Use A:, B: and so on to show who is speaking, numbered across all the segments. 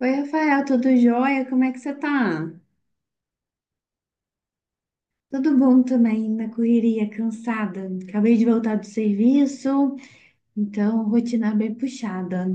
A: Oi, Rafael, tudo jóia? Como é que você tá? Tudo bom também, na correria, cansada. Acabei de voltar do serviço, então rotina bem puxada.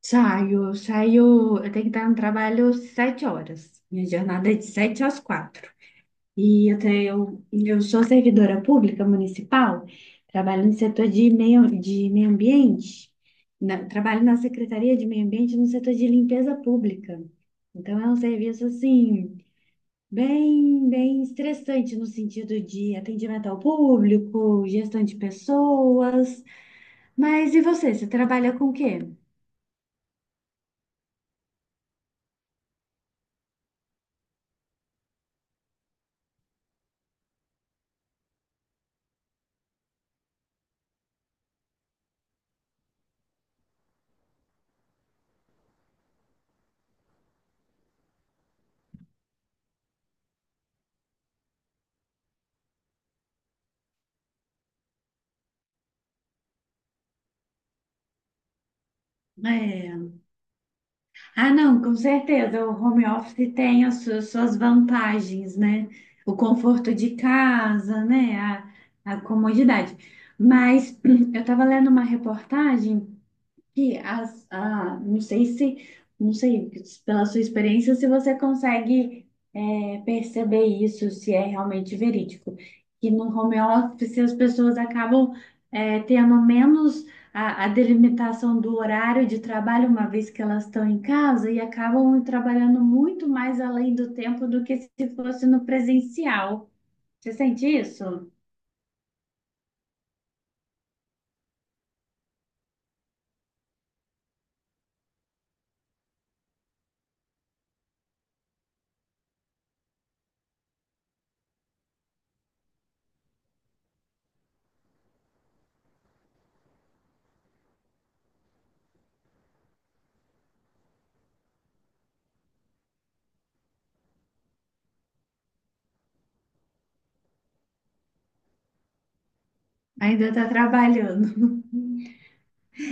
A: Saio, eu tenho que estar no trabalho 7 horas. Minha jornada é de 7 às 4. Eu sou servidora pública municipal, trabalho no setor de meio ambiente, trabalho na Secretaria de Meio Ambiente no setor de limpeza pública. Então é um serviço assim bem estressante no sentido de atendimento ao público, gestão de pessoas. Mas e você? Você trabalha com o quê? É. Ah, não, com certeza. O home office tem suas vantagens, né? O conforto de casa, né? A comodidade. Mas eu estava lendo uma reportagem. E as, ah, não sei se, não sei, pela sua experiência, se você consegue perceber isso, se é realmente verídico. Que no home office as pessoas acabam tendo menos a delimitação do horário de trabalho, uma vez que elas estão em casa, e acabam trabalhando muito mais além do tempo do que se fosse no presencial. Você sente isso? Ainda está trabalhando.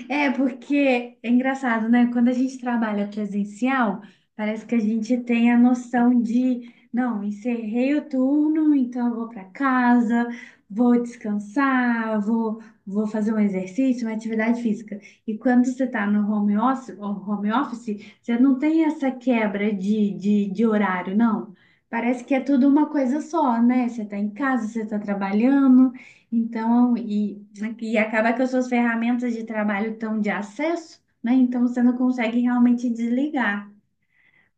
A: É, porque é engraçado, né? Quando a gente trabalha presencial, parece que a gente tem a noção de, não, encerrei o turno, então eu vou para casa, vou descansar, vou, vou fazer um exercício, uma atividade física. E quando você está no home office, você não tem essa quebra de horário, não. Parece que é tudo uma coisa só, né? Você está em casa, você está trabalhando. Então, e, né, e acaba que as suas ferramentas de trabalho estão de acesso, né? Então você não consegue realmente desligar.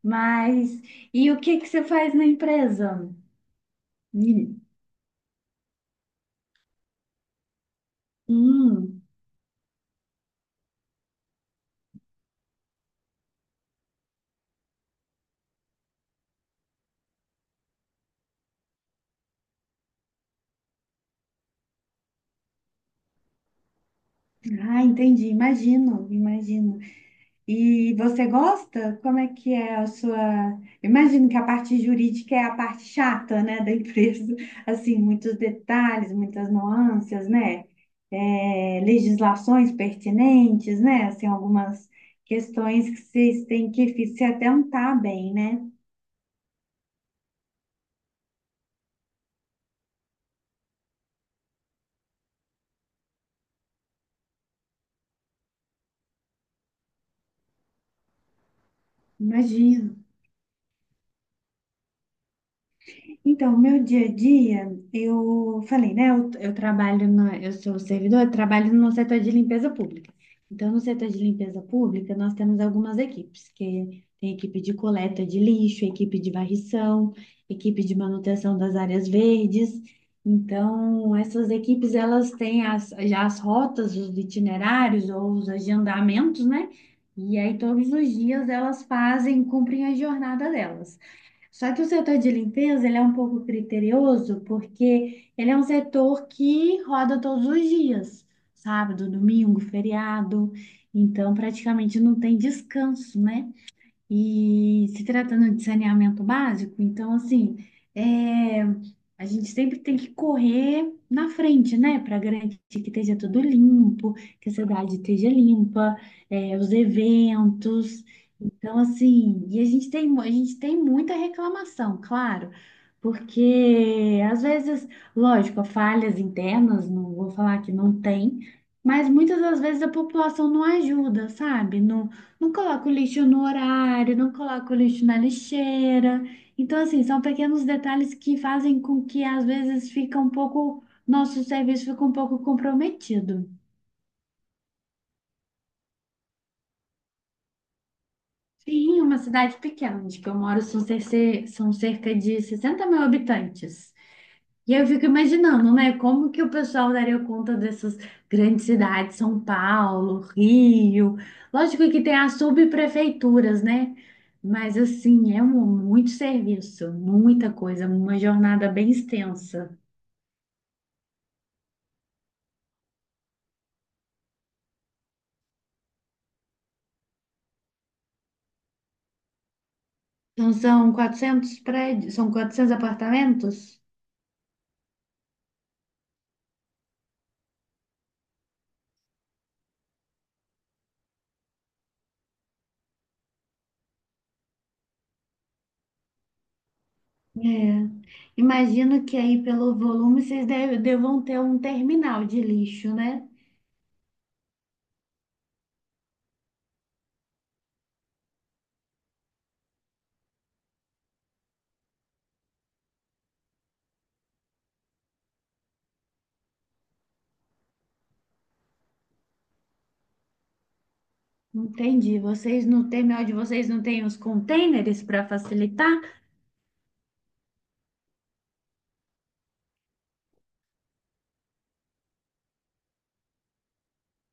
A: Mas, e o que que você faz na empresa? Hum, hum. Ah, entendi, imagino. E você gosta? Como é que é a sua. Imagino que a parte jurídica é a parte chata, né, da empresa. Assim, muitos detalhes, muitas nuances, né? É, legislações pertinentes, né? Assim, algumas questões que vocês têm que se atentar bem, né? Imagino. Então, meu dia a dia, eu falei, né? Eu trabalho eu sou servidor, eu trabalho no setor de limpeza pública. Então, no setor de limpeza pública, nós temos algumas equipes, que tem equipe de coleta de lixo, equipe de varrição, equipe de manutenção das áreas verdes. Então, essas equipes, elas têm já as rotas, os itinerários ou os agendamentos, né? E aí, todos os dias, elas fazem, cumprem a jornada delas. Só que o setor de limpeza, ele é um pouco criterioso, porque ele é um setor que roda todos os dias, sábado, domingo, feriado, então praticamente não tem descanso, né? E se tratando de saneamento básico, então assim, é, a gente sempre tem que correr na frente, né? Para garantir que esteja tudo limpo, que a cidade esteja limpa, é, os eventos. Então, assim, e a gente tem, a gente tem muita reclamação, claro, porque às vezes, lógico, falhas internas, não vou falar que não tem, mas muitas das vezes a população não ajuda, sabe? Não, não coloca o lixo no horário, não coloca o lixo na lixeira. Então, assim, são pequenos detalhes que fazem com que às vezes fica um pouco, nosso serviço fica um pouco comprometido. Sim, uma cidade pequena, onde que eu moro são, são cerca de 60 mil habitantes. E aí eu fico imaginando, né, como que o pessoal daria conta dessas grandes cidades, São Paulo, Rio. Lógico que tem as subprefeituras, né? Mas assim, é um, muito serviço, muita coisa, uma jornada bem extensa. Então são 400 prédios, são 400 apartamentos? É. Imagino que aí pelo volume vocês devam ter um terminal de lixo, né? Entendi. Vocês no terminal de vocês não têm os containers para facilitar?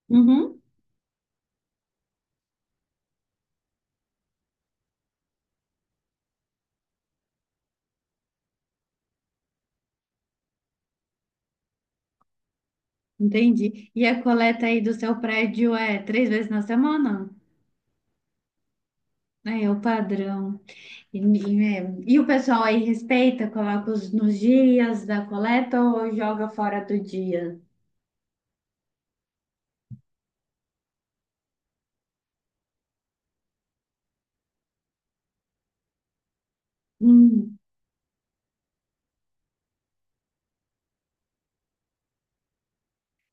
A: Uhum, entendi. E a coleta aí do seu prédio é 3 vezes na semana? É, é o padrão. E o pessoal aí respeita, coloca os, nos dias da coleta ou joga fora do dia?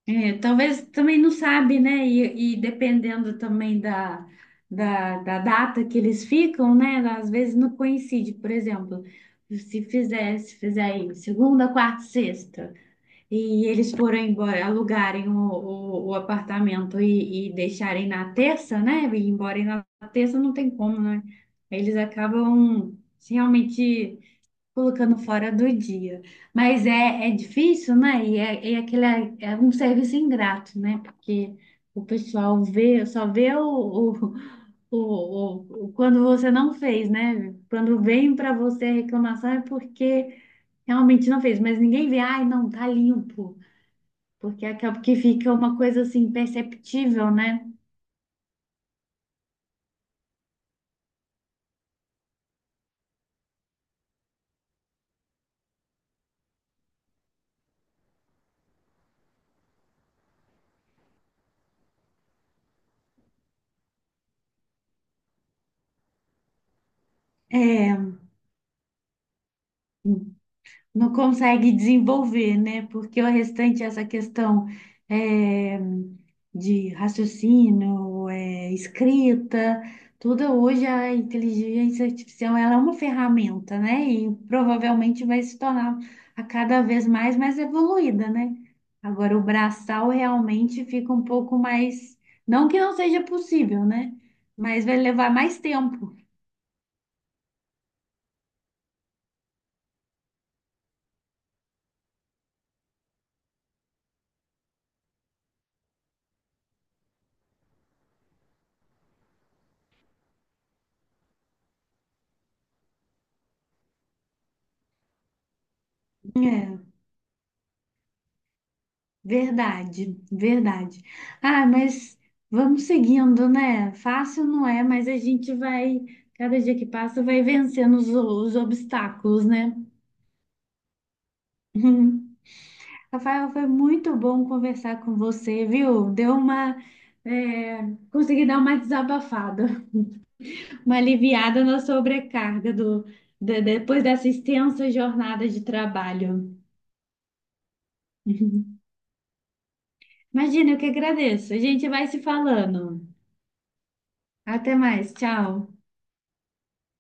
A: É, talvez também não sabe, né? E dependendo também da data que eles ficam, né? Às vezes não coincide. Por exemplo, se fizer aí segunda, quarta, sexta, e eles forem embora, alugarem o apartamento e deixarem na terça, né? E ir embora na terça não tem como, né? Eles acabam se realmente colocando fora do dia. Mas é, é difícil, né? E é, é aquele, é um serviço ingrato, né? Porque o pessoal vê, só vê o- quando você não fez, né? Quando vem para você a reclamação é porque realmente não fez, mas ninguém vê, ai, não, tá limpo, porque acaba que fica uma coisa assim perceptível, né? É. Não consegue desenvolver, né? Porque o restante, essa questão é, de raciocínio, é, escrita, tudo hoje a inteligência artificial ela é uma ferramenta, né? E provavelmente vai se tornar a cada vez mais evoluída, né? Agora o braçal realmente fica um pouco mais, não que não seja possível, né? Mas vai levar mais tempo. É, verdade, verdade. Ah, mas vamos seguindo, né? Fácil não é, mas a gente vai, cada dia que passa, vai vencendo os obstáculos, né? Rafael, foi muito bom conversar com você, viu? Deu uma, é, consegui dar uma desabafada, uma aliviada na sobrecarga do, depois dessa extensa jornada de trabalho. Imagina, eu que agradeço. A gente vai se falando. Até mais, tchau.